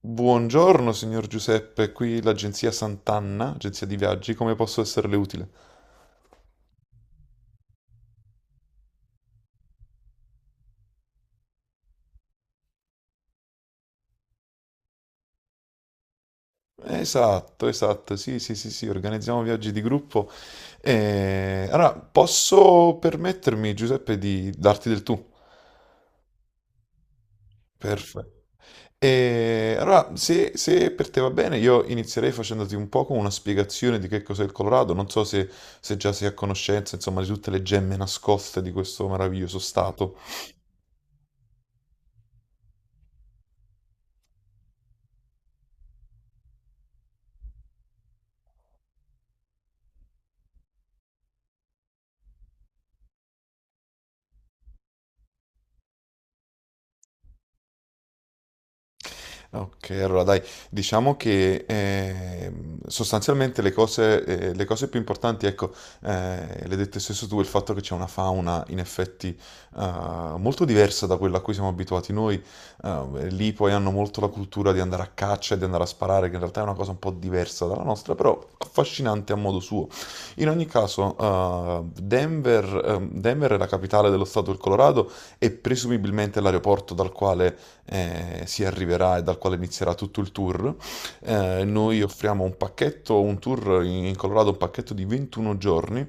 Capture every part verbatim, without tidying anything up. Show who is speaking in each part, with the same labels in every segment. Speaker 1: Buongiorno, signor Giuseppe, qui l'agenzia Sant'Anna, agenzia di viaggi, come posso esserle utile? Esatto, esatto, sì, sì, sì, sì, organizziamo viaggi di gruppo. E... Allora, posso permettermi, Giuseppe, di darti del tu? Perfetto. E allora, se, se per te va bene, io inizierei facendoti un po' con una spiegazione di che cos'è il Colorado. Non so se, se già sei a conoscenza, insomma, di tutte le gemme nascoste di questo meraviglioso stato. Ok, allora dai, diciamo che ehm, sostanzialmente le cose, eh, le cose più importanti, ecco, eh, le hai dette stesso tu, il fatto che c'è una fauna in effetti eh, molto diversa da quella a cui siamo abituati noi. Eh, lì poi hanno molto la cultura di andare a caccia e di andare a sparare, che in realtà è una cosa un po' diversa dalla nostra, però affascinante a modo suo. In ogni caso, eh, Denver, ehm, Denver è la capitale dello stato del Colorado e presumibilmente l'aeroporto dal quale eh, si arriverà e dal quale inizierà tutto il tour. Eh, noi offriamo un pacchetto, un tour in Colorado, un pacchetto di ventuno giorni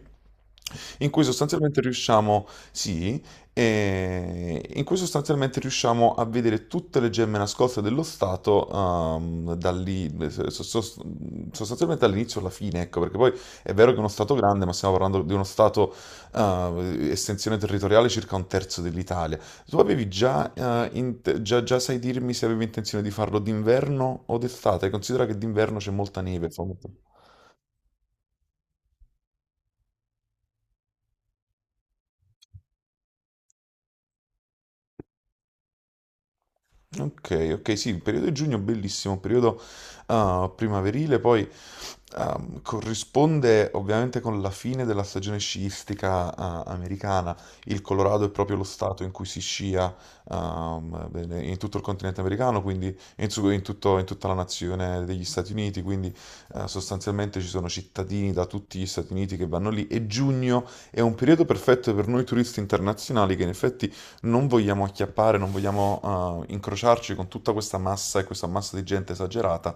Speaker 1: in cui sostanzialmente riusciamo, sì, eh, in cui sostanzialmente riusciamo a vedere tutte le gemme nascoste dello Stato, ehm, da lì, eh, so- so- sostanzialmente dall'inizio alla fine, ecco, perché poi è vero che è uno Stato grande, ma stiamo parlando di uno Stato, eh, estensione territoriale circa un terzo dell'Italia. Tu avevi già, eh, int- Già, già sai dirmi se avevi intenzione di farlo d'inverno o d'estate? Considera che d'inverno c'è molta neve, fa molto... Ok, ok, sì, il periodo di giugno è bellissimo, periodo ah, primaverile, poi ehm, corrisponde ovviamente con la fine della stagione sciistica ah, americana. Il Colorado è proprio lo stato in cui si scia ehm, bene, in tutto il continente americano, quindi in, su- in tutto- in tutta la nazione degli Stati Uniti, quindi eh, sostanzialmente ci sono cittadini da tutti gli Stati Uniti che vanno lì e giugno è un periodo perfetto per noi turisti internazionali che in effetti non vogliamo acchiappare, non vogliamo eh, incrociarci con tutta questa massa e questa massa di gente esagerata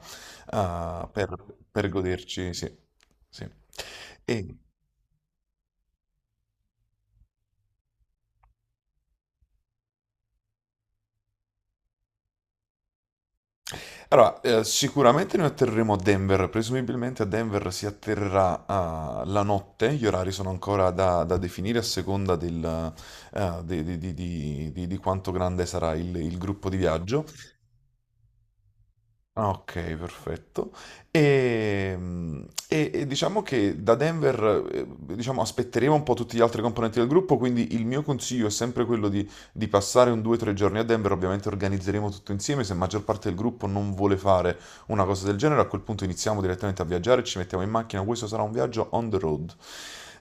Speaker 1: eh, per, per goderci, sì, sì. E, allora, eh, sicuramente noi atterreremo a Denver, presumibilmente a Denver si atterrerà eh, la notte, gli orari sono ancora da, da definire a seconda del, eh, di, di- di- di- di- di quanto grande sarà il, il gruppo di viaggio. Ah, ok, perfetto. E, mm, e- e diciamo che da Denver, eh, diciamo, aspetteremo un po' tutti gli altri componenti del gruppo, quindi il mio consiglio è sempre quello di, di passare un due tre giorni a Denver. Ovviamente organizzeremo tutto insieme, se la maggior parte del gruppo non vuole fare una cosa del genere, a quel punto iniziamo direttamente a viaggiare, ci mettiamo in macchina, questo sarà un viaggio on the road.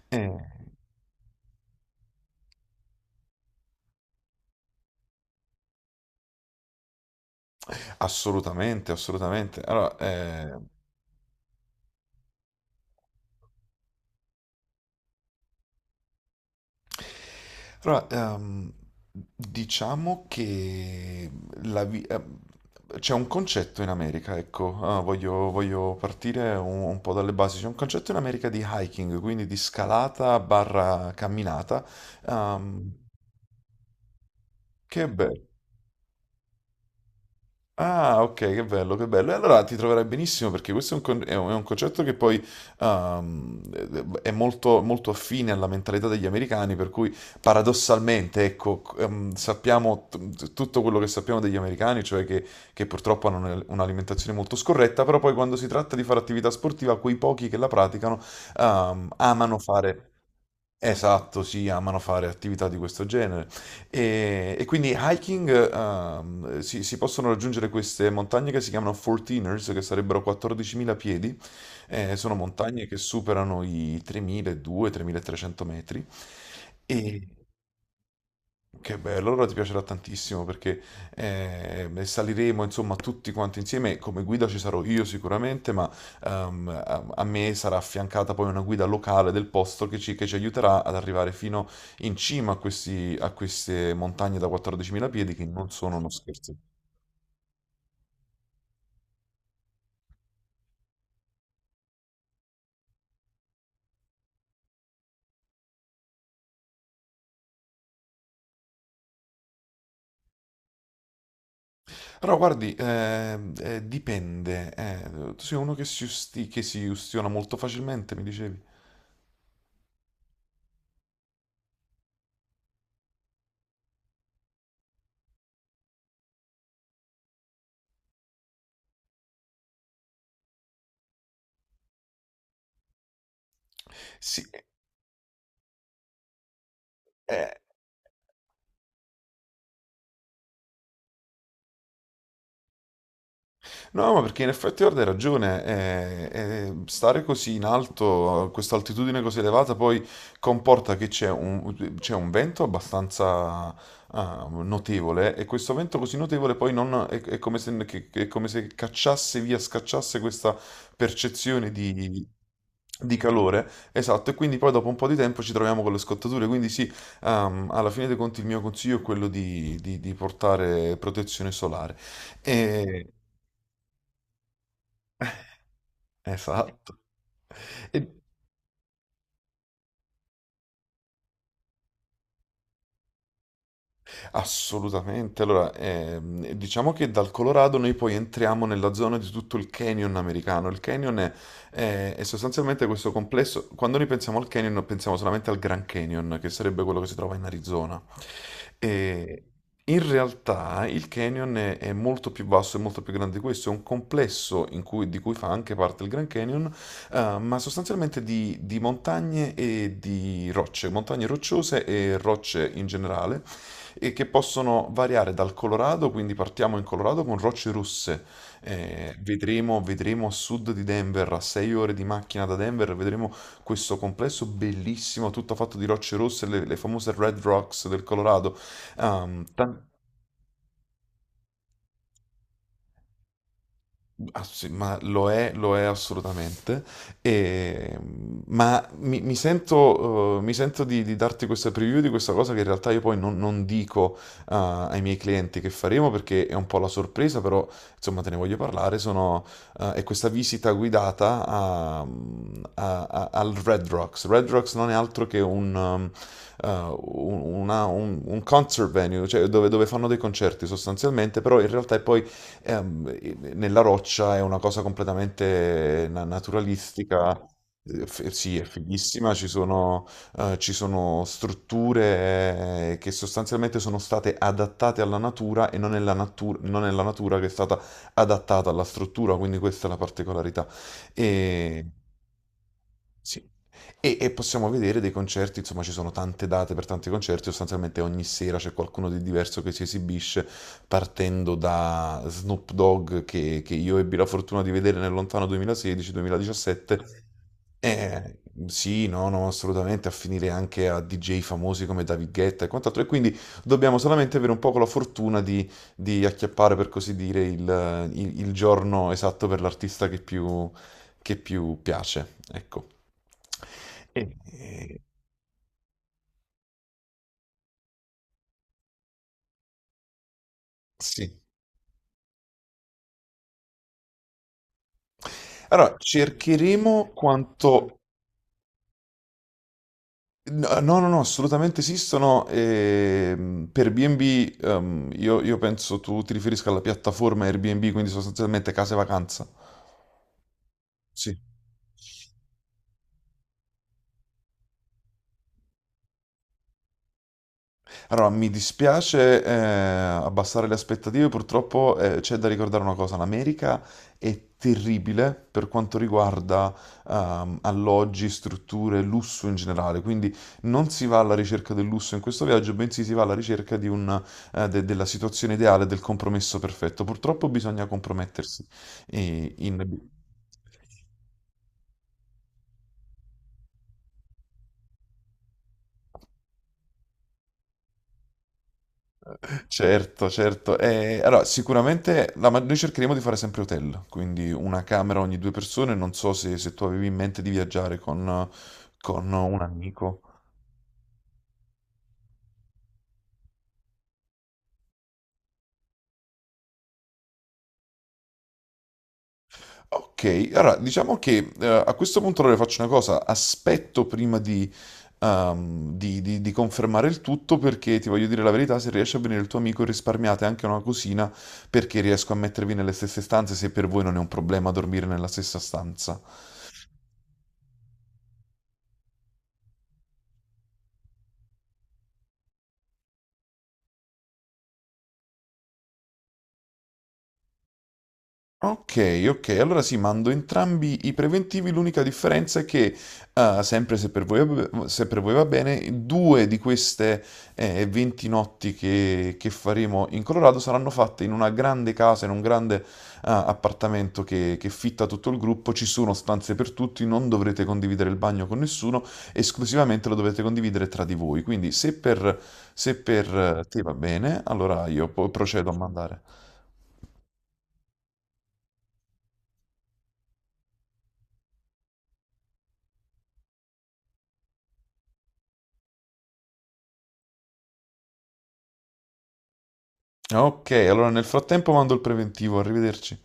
Speaker 1: Eh, Assolutamente, assolutamente. Allora, eh, allora, ehm, diciamo che la vi- ehm, c'è un concetto in America, ecco, ah, voglio, voglio partire un, un po' dalle basi. C'è un concetto in America di hiking, quindi di scalata barra camminata, ehm, che è bello. Ah, ok, che bello, che bello. E allora ti troverai benissimo perché questo è un, con- è un- è un concetto che poi ehm, è molto, molto affine alla mentalità degli americani, per cui paradossalmente, ecco, c- ehm, sappiamo t- tutto quello che sappiamo degli americani, cioè che, che purtroppo hanno un'al- un'alimentazione molto scorretta, però poi quando si tratta di fare attività sportiva, quei pochi che la praticano ehm, amano fare... Esatto, sì, amano fare attività di questo genere. E, e quindi hiking, ehm, si, si possono raggiungere queste montagne che si chiamano quattordici ers, che sarebbero quattordicimila piedi. Eh, sono montagne che superano i tremiladuecento-tremilatrecento metri. E, che bello, allora ti piacerà tantissimo perché eh, saliremo insomma tutti quanti insieme, come guida ci sarò io sicuramente, ma ehm, a, a me sarà affiancata poi una guida locale del posto che ci, che ci aiuterà ad arrivare fino in cima a, questi- a queste montagne da quattordicimila piedi che non sono uno scherzo. Però guardi, ehm, eh, dipende, eh, tu sei uno che si, usti- che si ustiona molto facilmente, mi dicevi. Sì, eh, no, ma perché in effetti guarda, hai ragione, eh, eh, stare così in alto, a questa altitudine così elevata, poi comporta che c'è un, c'è un vento abbastanza ah, notevole e questo vento così notevole poi non, è, è come se, che- che- è come se cacciasse via, scacciasse questa percezione di, di calore, esatto, e quindi poi dopo un po' di tempo ci troviamo con le scottature, quindi sì, ehm, alla fine dei conti il mio consiglio è quello di, di- di portare protezione solare. E- Esatto. E assolutamente. Allora, ehm, diciamo che dal Colorado noi poi entriamo nella zona di tutto il canyon americano. Il canyon è, è- è sostanzialmente questo complesso. Quando noi pensiamo al canyon, pensiamo solamente al Grand Canyon, che sarebbe quello che si trova in Arizona. E in realtà il canyon è, è molto più vasto e molto più grande di questo. È un complesso in cui- di cui fa anche parte il Grand Canyon, eh, ma sostanzialmente di, di montagne e di rocce, montagne rocciose e rocce in generale e che possono variare dal Colorado, quindi partiamo in Colorado con rocce russe, eh, vedremo, vedremo a sud di Denver, a sei ore di macchina da Denver, vedremo questo complesso bellissimo, tutto fatto di rocce rosse, le, le famose Red Rocks del Colorado. Ehm, tan- Ah, sì, ma lo è, lo è assolutamente. E, ma mi, mi sento, eh, mi sento di, di darti questa preview di questa cosa che in realtà io poi non, non dico, ah, ai miei clienti che faremo perché è un po' la sorpresa, però insomma te ne voglio parlare. Sono, eh, è questa visita guidata a- a- a- al Red Rocks. Red Rocks non è altro che un, um, eh, un- una- un- un concert venue, cioè dove, dove fanno dei concerti sostanzialmente, però in realtà è poi ehm, nella roccia è una cosa completamente na- naturalistica. Eh, f- Sì, è fighissima, ci sono, eh, ci sono strutture eh, che sostanzialmente sono state adattate alla natura e non è la natu- non è la natura che è stata adattata alla struttura, quindi questa è la particolarità. E, sì. E, e possiamo vedere dei concerti, insomma, ci sono tante date per tanti concerti, sostanzialmente ogni sera c'è qualcuno di diverso che si esibisce, partendo da Snoop Dogg, che, che io ebbi la fortuna di vedere nel lontano duemilasedici-duemiladiciassette. Eh, sì, no, no, assolutamente, a finire anche a di jay famosi come David Guetta e quant'altro. E quindi dobbiamo solamente avere un po' la fortuna di, di acchiappare, per così dire, il, il- il giorno esatto per l'artista che più, che più piace. Ecco. E- e- sì. Allora, cercheremo quanto... No, no, no, no, assolutamente esistono. Ehm, per bi e bi, ehm, io, io penso tu ti riferisca alla piattaforma Airbnb, quindi sostanzialmente case vacanza. Sì. Allora, mi dispiace eh, abbassare le aspettative, purtroppo eh, c'è da ricordare una cosa, l'America è terribile per quanto riguarda ehm, alloggi, strutture, lusso in generale, quindi non si va alla ricerca del lusso in questo viaggio, bensì si va alla ricerca di un, eh, de- della situazione ideale, del compromesso perfetto. Purtroppo bisogna compromettersi eh, in... Certo, certo. Eh, allora, sicuramente la ma- noi cercheremo di fare sempre hotel, quindi una camera ogni due persone. Non so se, se tu avevi in mente di viaggiare con, con un amico. Ok, allora diciamo che eh, a questo punto allora faccio una cosa, aspetto prima di, ehm, di- di- di confermare il tutto perché ti voglio dire la verità, se riesce a venire il tuo amico risparmiate anche una cosina perché riesco a mettervi nelle stesse stanze se per voi non è un problema dormire nella stessa stanza. Ok, ok, allora sì, mando entrambi i preventivi, l'unica differenza è che, eh, sempre se per voi, va se per voi va bene, due di queste eh, venti notti che, che faremo in Colorado saranno fatte in una grande casa, in un grande eh, appartamento che, che fitta tutto il gruppo, ci sono stanze per tutti, non dovrete condividere il bagno con nessuno, esclusivamente lo dovete condividere tra di voi, quindi se per, se per eh, te va bene, allora io poi procedo a mandare. Ok, allora nel frattempo mando il preventivo, arrivederci.